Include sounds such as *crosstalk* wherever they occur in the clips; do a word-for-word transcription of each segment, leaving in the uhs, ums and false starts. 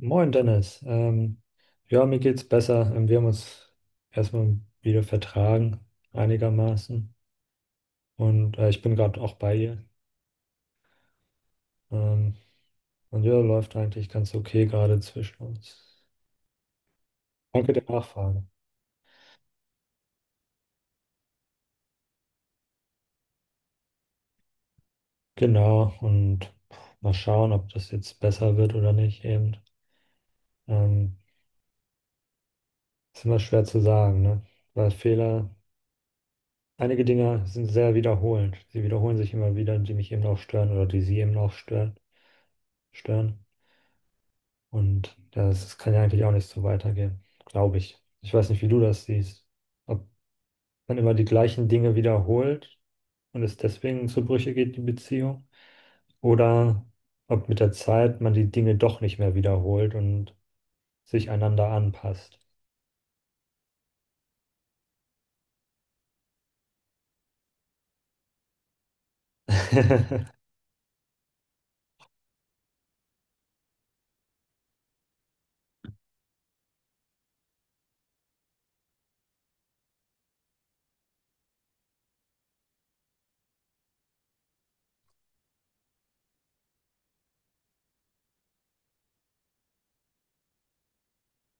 Moin Dennis. Ähm, ja, mir geht's besser. Ähm, Wir haben uns erstmal wieder vertragen, einigermaßen. Und äh, ich bin gerade auch bei ihr. Ähm, und ja, läuft eigentlich ganz okay gerade zwischen uns. Danke der Nachfrage. Genau, und mal schauen, ob das jetzt besser wird oder nicht eben. Ähm, ist immer schwer zu sagen, ne? Weil Fehler, einige Dinge sind sehr wiederholend. Sie wiederholen sich immer wieder, die mich eben auch stören oder die sie eben auch stören. stören. Und das, kann ja eigentlich auch nicht so weitergehen, glaube ich. Ich weiß nicht, wie du das siehst. Ob man immer die gleichen Dinge wiederholt und es deswegen zu Brüche geht, die Beziehung. Oder ob mit der Zeit man die Dinge doch nicht mehr wiederholt und sich einander anpasst. *laughs*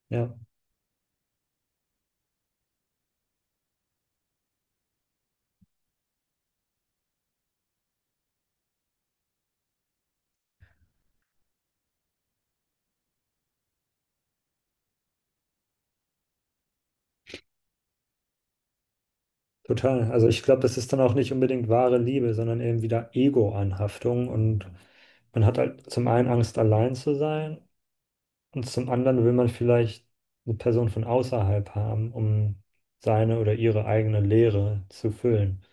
Ja, total. Also ich glaube, das ist dann auch nicht unbedingt wahre Liebe, sondern eben wieder Ego-Anhaftung. Und man hat halt zum einen Angst, allein zu sein. Und zum anderen will man vielleicht eine Person von außerhalb haben, um seine oder ihre eigene Leere zu füllen.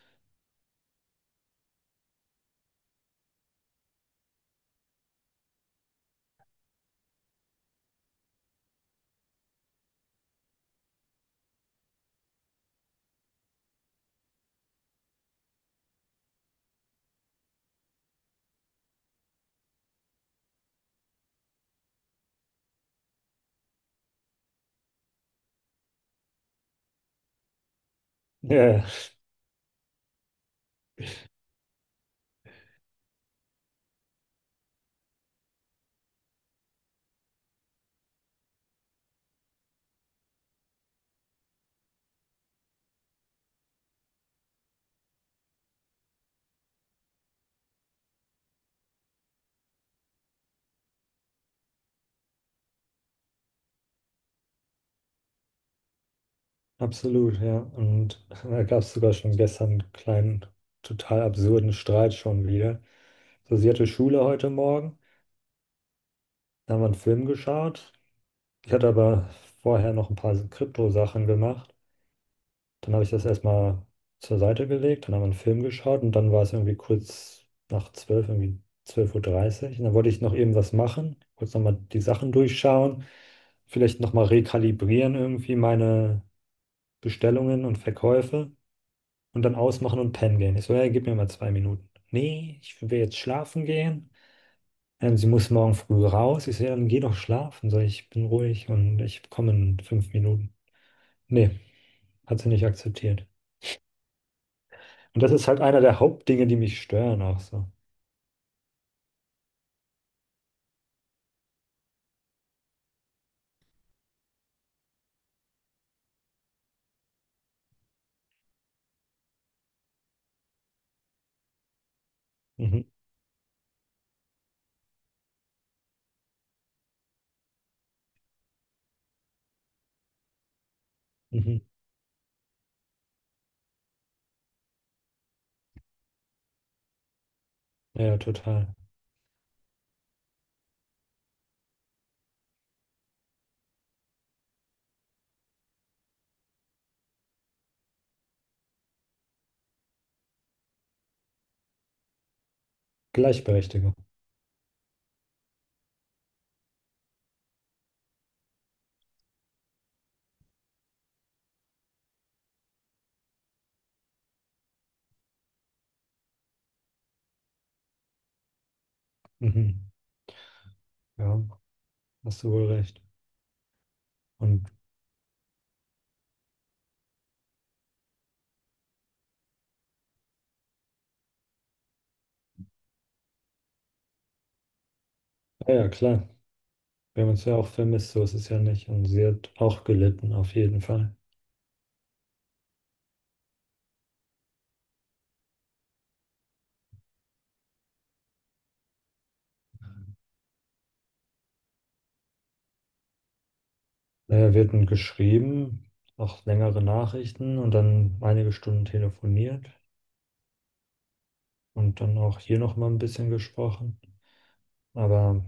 Ja, *laughs* ja, absolut, ja. Und da gab es sogar schon gestern einen kleinen, total absurden Streit schon wieder. So, sie hatte Schule heute Morgen, da haben wir einen Film geschaut. Ich hatte aber vorher noch ein paar Krypto-Sachen gemacht. Dann habe ich das erstmal zur Seite gelegt, dann haben wir einen Film geschaut und dann war es irgendwie kurz nach zwölf, irgendwie zwölf Uhr dreißig. Und dann wollte ich noch eben was machen, kurz nochmal die Sachen durchschauen, vielleicht nochmal rekalibrieren irgendwie meine Bestellungen und Verkäufe und dann ausmachen und pennen gehen. Ich so, ja, gib mir mal zwei Minuten. Nee, ich will jetzt schlafen gehen. Ähm, sie muss morgen früh raus. Ich so, ja, dann geh doch schlafen. So, ich bin ruhig und ich komme in fünf Minuten. Nee, hat sie nicht akzeptiert. Und das ist halt einer der Hauptdinge, die mich stören auch so. Mhm. Mhm. Ja, ja, total. Gleichberechtigung. Mhm. Ja, hast du wohl recht. Und ja, ja, klar, wir haben uns ja auch vermisst, so ist es ja nicht. Und sie hat auch gelitten, auf jeden Fall. Naja, wir hatten geschrieben, auch längere Nachrichten und dann einige Stunden telefoniert und dann auch hier nochmal ein bisschen gesprochen. Aber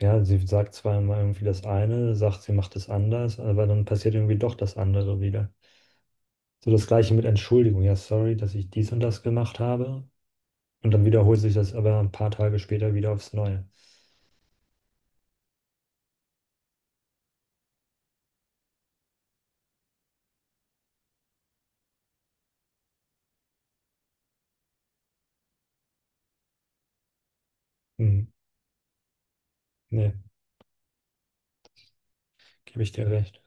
ja, sie sagt zwar immer irgendwie das eine, sagt, sie macht es anders, aber dann passiert irgendwie doch das andere wieder. So das Gleiche mit Entschuldigung. Ja, sorry, dass ich dies und das gemacht habe. Und dann wiederholt sich das aber ein paar Tage später wieder aufs Neue. Hm, nee, gebe ich dir recht.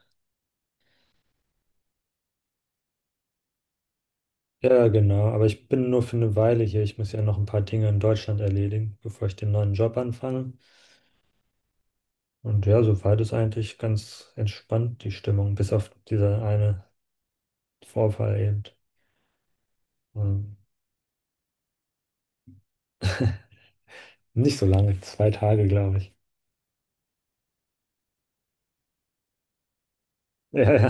Ja, genau. Aber ich bin nur für eine Weile hier. Ich muss ja noch ein paar Dinge in Deutschland erledigen, bevor ich den neuen Job anfange. Und ja, soweit ist eigentlich ganz entspannt die Stimmung, bis auf dieser eine Vorfall eben. Ähm, nicht so lange, zwei Tage, glaube ich. *laughs* Ja, ja.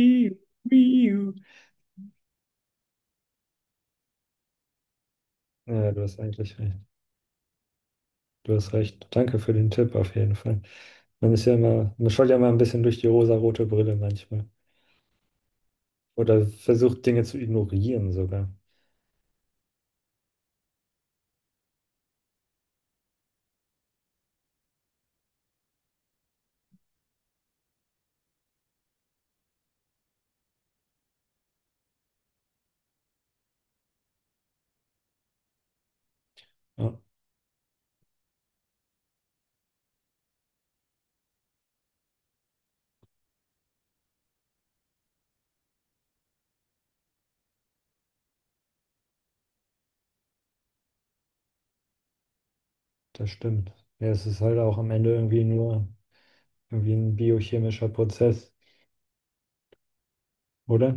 Iu, iu. Ja, du hast eigentlich recht. Du hast recht. Danke für den Tipp auf jeden Fall. Man ist ja immer, man schaut ja immer ein bisschen durch die rosarote Brille manchmal. Oder versucht Dinge zu ignorieren sogar. Ja, das stimmt. Ja, es ist halt auch am Ende irgendwie nur irgendwie ein biochemischer Prozess, oder?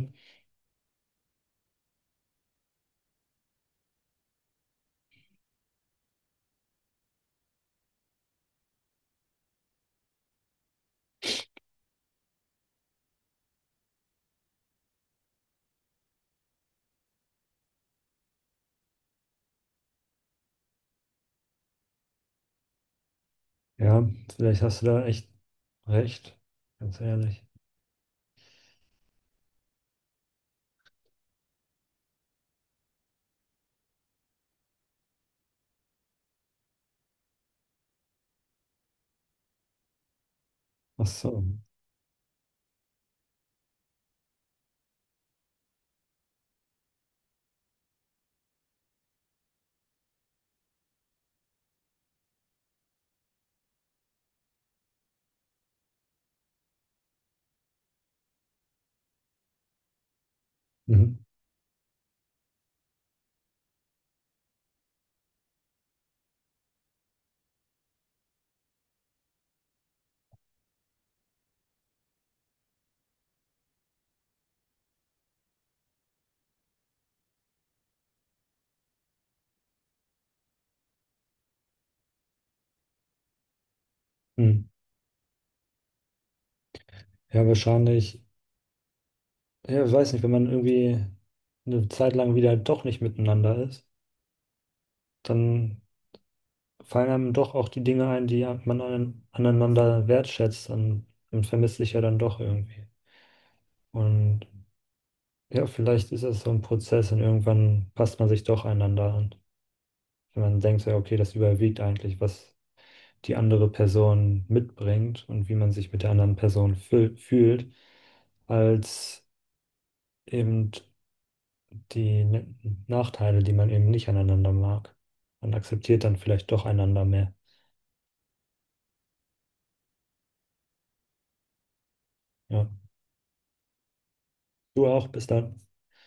Ja, vielleicht hast du da echt recht, ganz ehrlich. Ach so. Mhm. Mhm. Ja, wahrscheinlich. Ja, ich weiß nicht, wenn man irgendwie eine Zeit lang wieder doch nicht miteinander ist, dann fallen einem doch auch die Dinge ein, die ja man an, aneinander wertschätzt und man vermisst sich ja dann doch irgendwie. Und ja, vielleicht ist es so ein Prozess und irgendwann passt man sich doch einander an. Wenn man denkt, so, ja, okay, das überwiegt eigentlich, was die andere Person mitbringt und wie man sich mit der anderen Person fü- fühlt, als eben die Ne- Nachteile, die man eben nicht aneinander mag. Man akzeptiert dann vielleicht doch einander mehr. Ja. Du auch, bis dann.